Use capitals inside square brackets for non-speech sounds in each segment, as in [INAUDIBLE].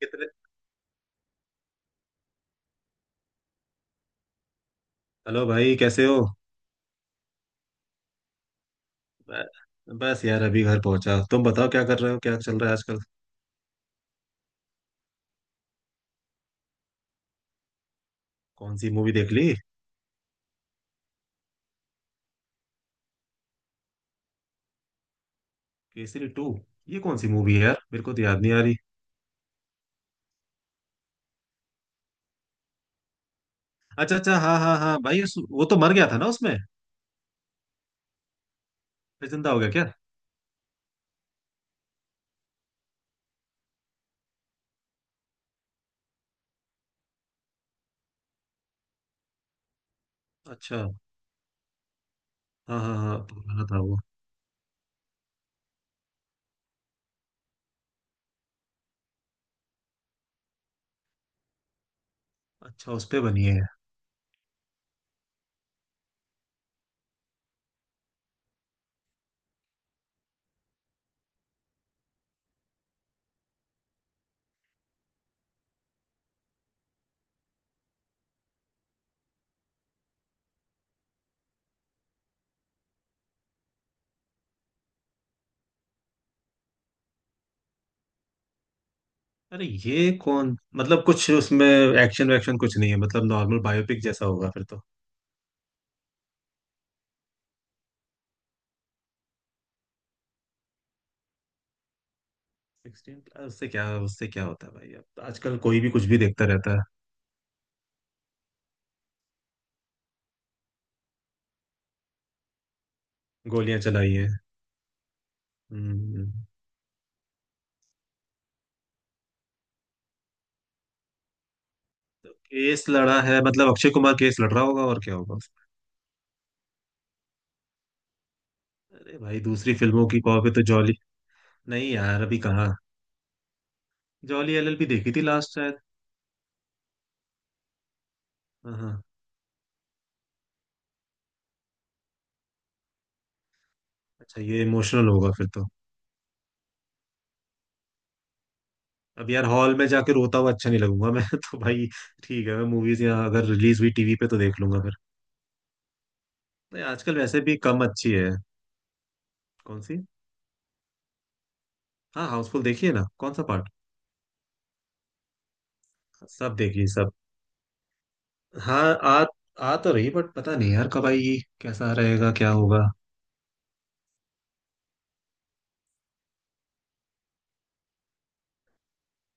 कितने। हेलो भाई, कैसे हो? ब- बस यार अभी घर पहुंचा। तुम बताओ क्या कर रहे हो, क्या चल रहा है आजकल? कौन सी मूवी देख ली? केसरी टू ये कौन सी मूवी है यार, मेरे को तो याद नहीं आ रही। अच्छा अच्छा हाँ हाँ हाँ भाई वो तो मर गया था ना उसमें? फिर जिंदा हो गया क्या? अच्छा हाँ हाँ हाँ पुराना था वो। अच्छा उस पे बनी है। अरे ये कौन मतलब कुछ उसमें एक्शन वैक्शन कुछ नहीं है, मतलब नॉर्मल बायोपिक जैसा होगा फिर तो। सिक्सटीन प्लस उससे क्या, उससे क्या होता है भाई? अब आजकल कोई भी कुछ भी देखता रहता है। गोलियां चलाई हैं। हम्म। हम्म। केस लड़ा है मतलब, अक्षय कुमार केस लड़ रहा होगा और क्या होगा उसमें। अरे भाई दूसरी फिल्मों की कॉपी तो जॉली। नहीं यार अभी कहाँ। जॉली एलएलबी देखी थी लास्ट शायद। हाँ हाँ। अच्छा ये इमोशनल होगा फिर तो। अब यार हॉल में जाके रोता हुआ अच्छा नहीं लगूंगा मैं [LAUGHS] तो भाई ठीक है, मैं मूवीज या अगर रिलीज हुई टीवी पे तो देख लूंगा फिर। नहीं, आजकल वैसे भी कम अच्छी है। कौन सी? हाँ हाउसफुल देखिए ना, कौन सा पार्ट? सब देखिए सब। हाँ। आ। आ तो रही बट पता नहीं यार कब आएगी। कैसा रहेगा, क्या होगा?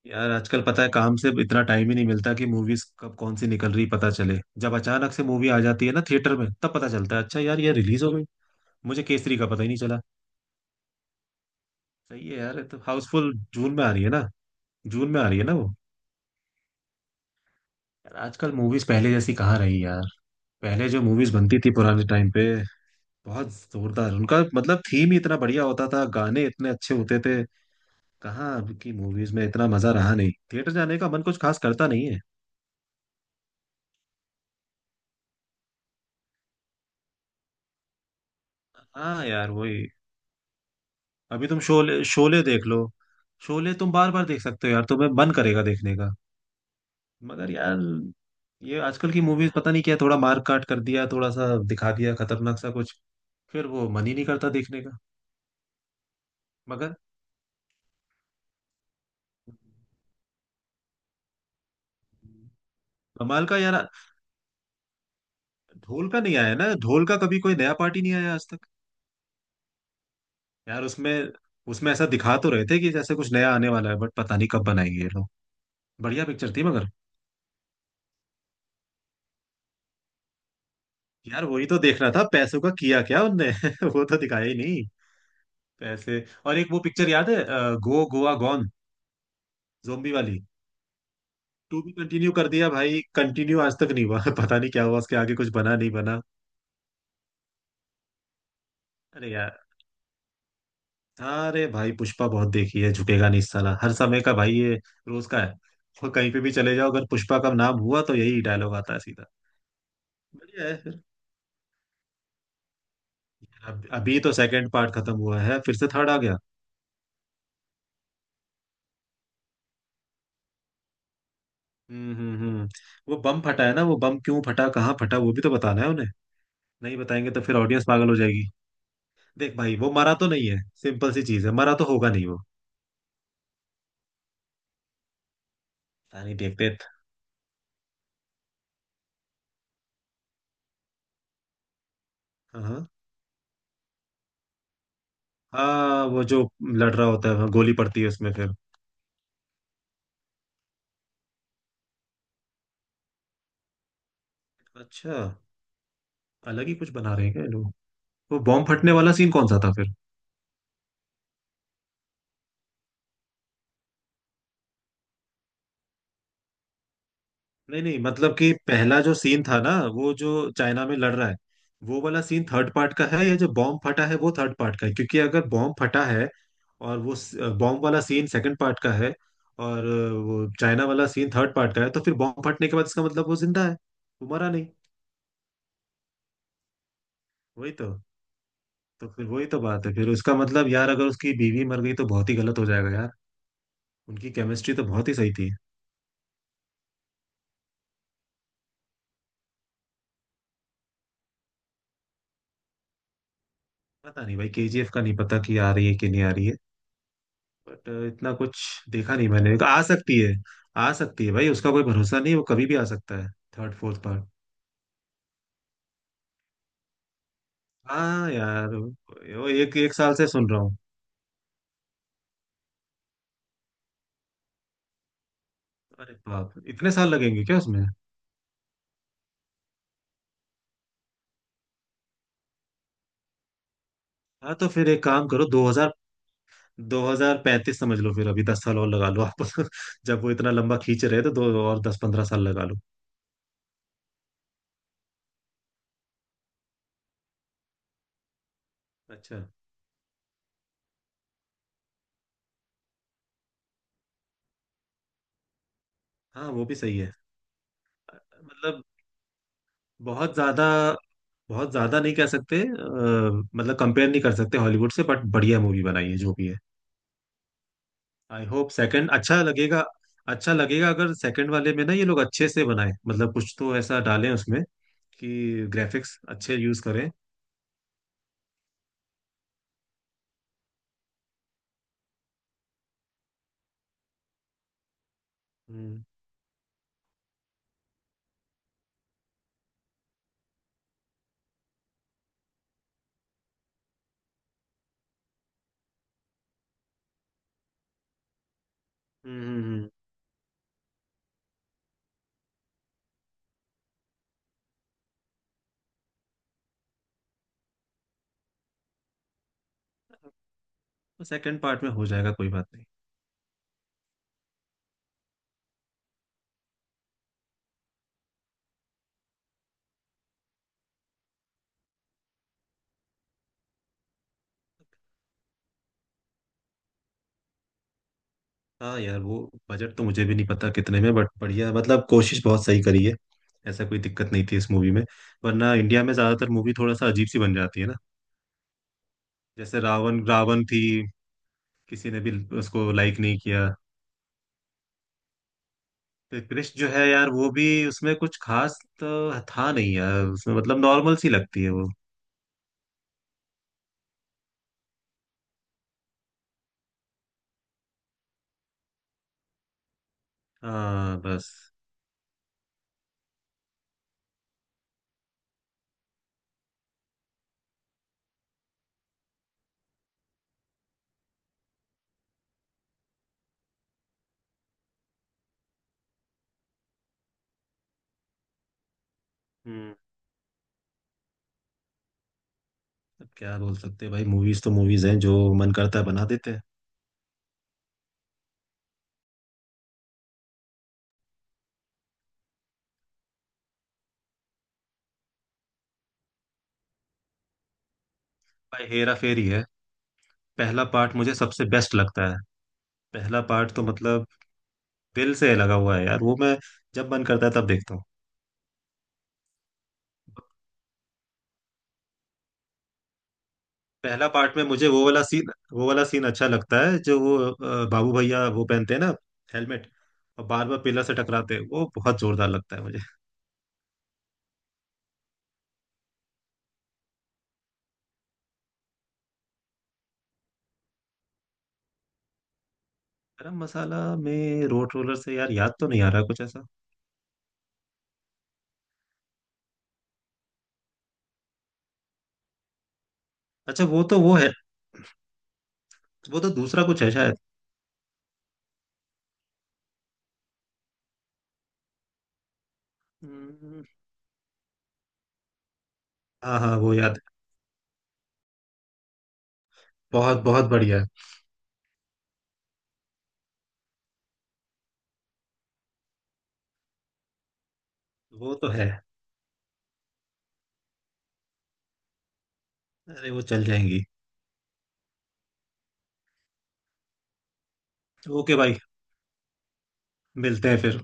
यार आजकल पता है काम से इतना टाइम ही नहीं मिलता कि मूवीज कब कौन सी निकल रही पता चले। जब अचानक से मूवी आ जाती है ना थिएटर में तब पता चलता है अच्छा यार ये रिलीज हो गई। मुझे केसरी का पता ही नहीं चला। सही है यार, ये तो हाउसफुल जून में आ रही है ना। जून में आ रही है ना वो। यार आजकल मूवीज पहले जैसी कहाँ रही यार। पहले जो मूवीज बनती थी पुराने टाइम पे बहुत जोरदार, उनका मतलब थीम ही इतना बढ़िया होता था, गाने इतने अच्छे होते थे। कहाँ अब की मूवीज में इतना मजा रहा नहीं, थिएटर जाने का मन कुछ खास करता नहीं है। हाँ यार वही। अभी तुम शोले शोले देख लो। शोले तुम बार बार देख सकते हो यार, तुम्हें मन करेगा देखने का। मगर यार ये आजकल की मूवीज पता नहीं क्या, थोड़ा मार काट कर दिया, थोड़ा सा दिखा दिया खतरनाक सा कुछ। फिर वो मन ही नहीं करता देखने का। मगर कमाल का यार। ढोल का नहीं आया ना, ढोल का कभी कोई नया पार्टी नहीं आया आज तक। यार उसमें उसमें ऐसा दिखा तो रहे थे कि जैसे कुछ नया आने वाला है बट पता नहीं कब बनाएंगे ये लोग। बढ़िया पिक्चर थी मगर। यार वही तो देखना था पैसों का किया क्या उनने [LAUGHS] वो तो दिखाया ही नहीं। पैसे, और एक वो पिक्चर याद है गो गोवा गॉन। जोम्बी वाली टू भी कंटिन्यू कर दिया भाई, कंटिन्यू आज तक नहीं हुआ [LAUGHS] पता नहीं क्या हुआ उसके आगे, कुछ बना नहीं बना। अरे यार। अरे भाई पुष्पा बहुत देखी है, झुकेगा नहीं साला हर समय का भाई ये। रोज का है। और कहीं पे भी चले जाओ अगर पुष्पा का नाम हुआ तो यही डायलॉग आता है सीधा। बढ़िया है फिर। अभी तो सेकंड पार्ट खत्म हुआ है फिर से थर्ड आ गया। हम्म। वो बम फटा है ना, वो बम क्यों फटा, कहाँ फटा, वो भी तो बताना है उन्हें। नहीं बताएंगे तो फिर ऑडियंस पागल हो जाएगी। देख भाई वो मरा तो नहीं है, सिंपल सी चीज है, मरा तो होगा नहीं वो। पता नहीं देखते। हाँ हाँ हाँ, वो जो लड़ रहा होता है, हाँ, गोली पड़ती है उसमें फिर। अच्छा। अलग ही कुछ बना रहे हैं क्या ये लोग? वो बॉम्ब फटने वाला सीन कौन सा था फिर? नहीं नहीं मतलब कि पहला जो सीन था ना, वो जो चाइना में लड़ रहा है वो वाला सीन थर्ड पार्ट का है या जो बॉम्ब फटा है वो थर्ड पार्ट का है? क्योंकि अगर बॉम्ब फटा है और वो बॉम्ब वाला सीन सेकंड पार्ट का है और वो चाइना वाला सीन थर्ड पार्ट का है तो फिर बॉम्ब फटने के बाद इसका मतलब वो जिंदा है। वो मरा नहीं। वही तो। तो फिर वही तो बात है, फिर उसका मतलब यार अगर उसकी बीवी मर गई तो बहुत ही गलत हो जाएगा यार। उनकी केमिस्ट्री तो बहुत ही सही थी। पता नहीं भाई केजीएफ का नहीं पता कि आ रही है कि नहीं आ रही है बट इतना कुछ। देखा नहीं मैंने, आ सकती है। आ सकती है भाई, उसका कोई भरोसा नहीं, वो कभी भी आ सकता है। Third fourth part. हाँ यार वो एक एक साल से सुन रहा हूँ। अरे बाप, इतने साल लगेंगे क्या उसमें? हाँ तो फिर एक काम करो, 2000 2035 समझ लो फिर, अभी 10 साल और लगा लो आप [LAUGHS] जब वो इतना लंबा खींच रहे हैं, तो दो और 10-15 साल लगा लो। अच्छा। हाँ वो भी सही है। अ, मतलब बहुत ज्यादा, बहुत ज्यादा नहीं कह सकते, मतलब कंपेयर नहीं कर सकते हॉलीवुड से बट बढ़िया मूवी बनाई है जो भी है। आई होप सेकंड अच्छा लगेगा। अच्छा लगेगा अगर सेकंड वाले में ना ये लोग अच्छे से बनाए, मतलब कुछ तो ऐसा डालें उसमें कि ग्राफिक्स अच्छे यूज करें। हम्म। हम्म। सेकंड पार्ट में हो जाएगा, कोई बात नहीं। हाँ यार वो बजट तो मुझे भी नहीं पता कितने में बट बढ़िया, मतलब कोशिश बहुत सही करी है, ऐसा कोई दिक्कत नहीं थी इस मूवी में। वरना इंडिया में ज्यादातर मूवी थोड़ा सा अजीब सी बन जाती है ना। जैसे रावण रावण थी, किसी ने भी उसको लाइक नहीं किया। फिर कृष्ण जो है यार वो भी उसमें कुछ खास तो था नहीं यार, उसमें मतलब नॉर्मल सी लगती है वो। हाँ बस। हम्म। अब क्या बोल सकते हैं भाई, मूवीज तो मूवीज हैं, जो मन करता है बना देते हैं। भाई हेरा फेरी है। पहला पार्ट मुझे सबसे बेस्ट लगता है। पहला पार्ट तो मतलब दिल से लगा हुआ है यार वो, मैं जब मन करता है तब देखता हूँ। पहला पार्ट में मुझे वो वाला सीन, वो वाला सीन अच्छा लगता है जो वो बाबू भैया वो पहनते हैं ना हेलमेट, और बार बार पिलर से टकराते हैं, वो बहुत जोरदार लगता है मुझे। गरम मसाला में रोड रोलर से, यार याद तो नहीं आ रहा कुछ ऐसा। अच्छा वो तो वो है। वो तो दूसरा कुछ है शायद। हम्म, हाँ हाँ वो याद है। बहुत बहुत बढ़िया है। वो तो है। अरे वो चल जाएंगी। ओके भाई। मिलते हैं फिर।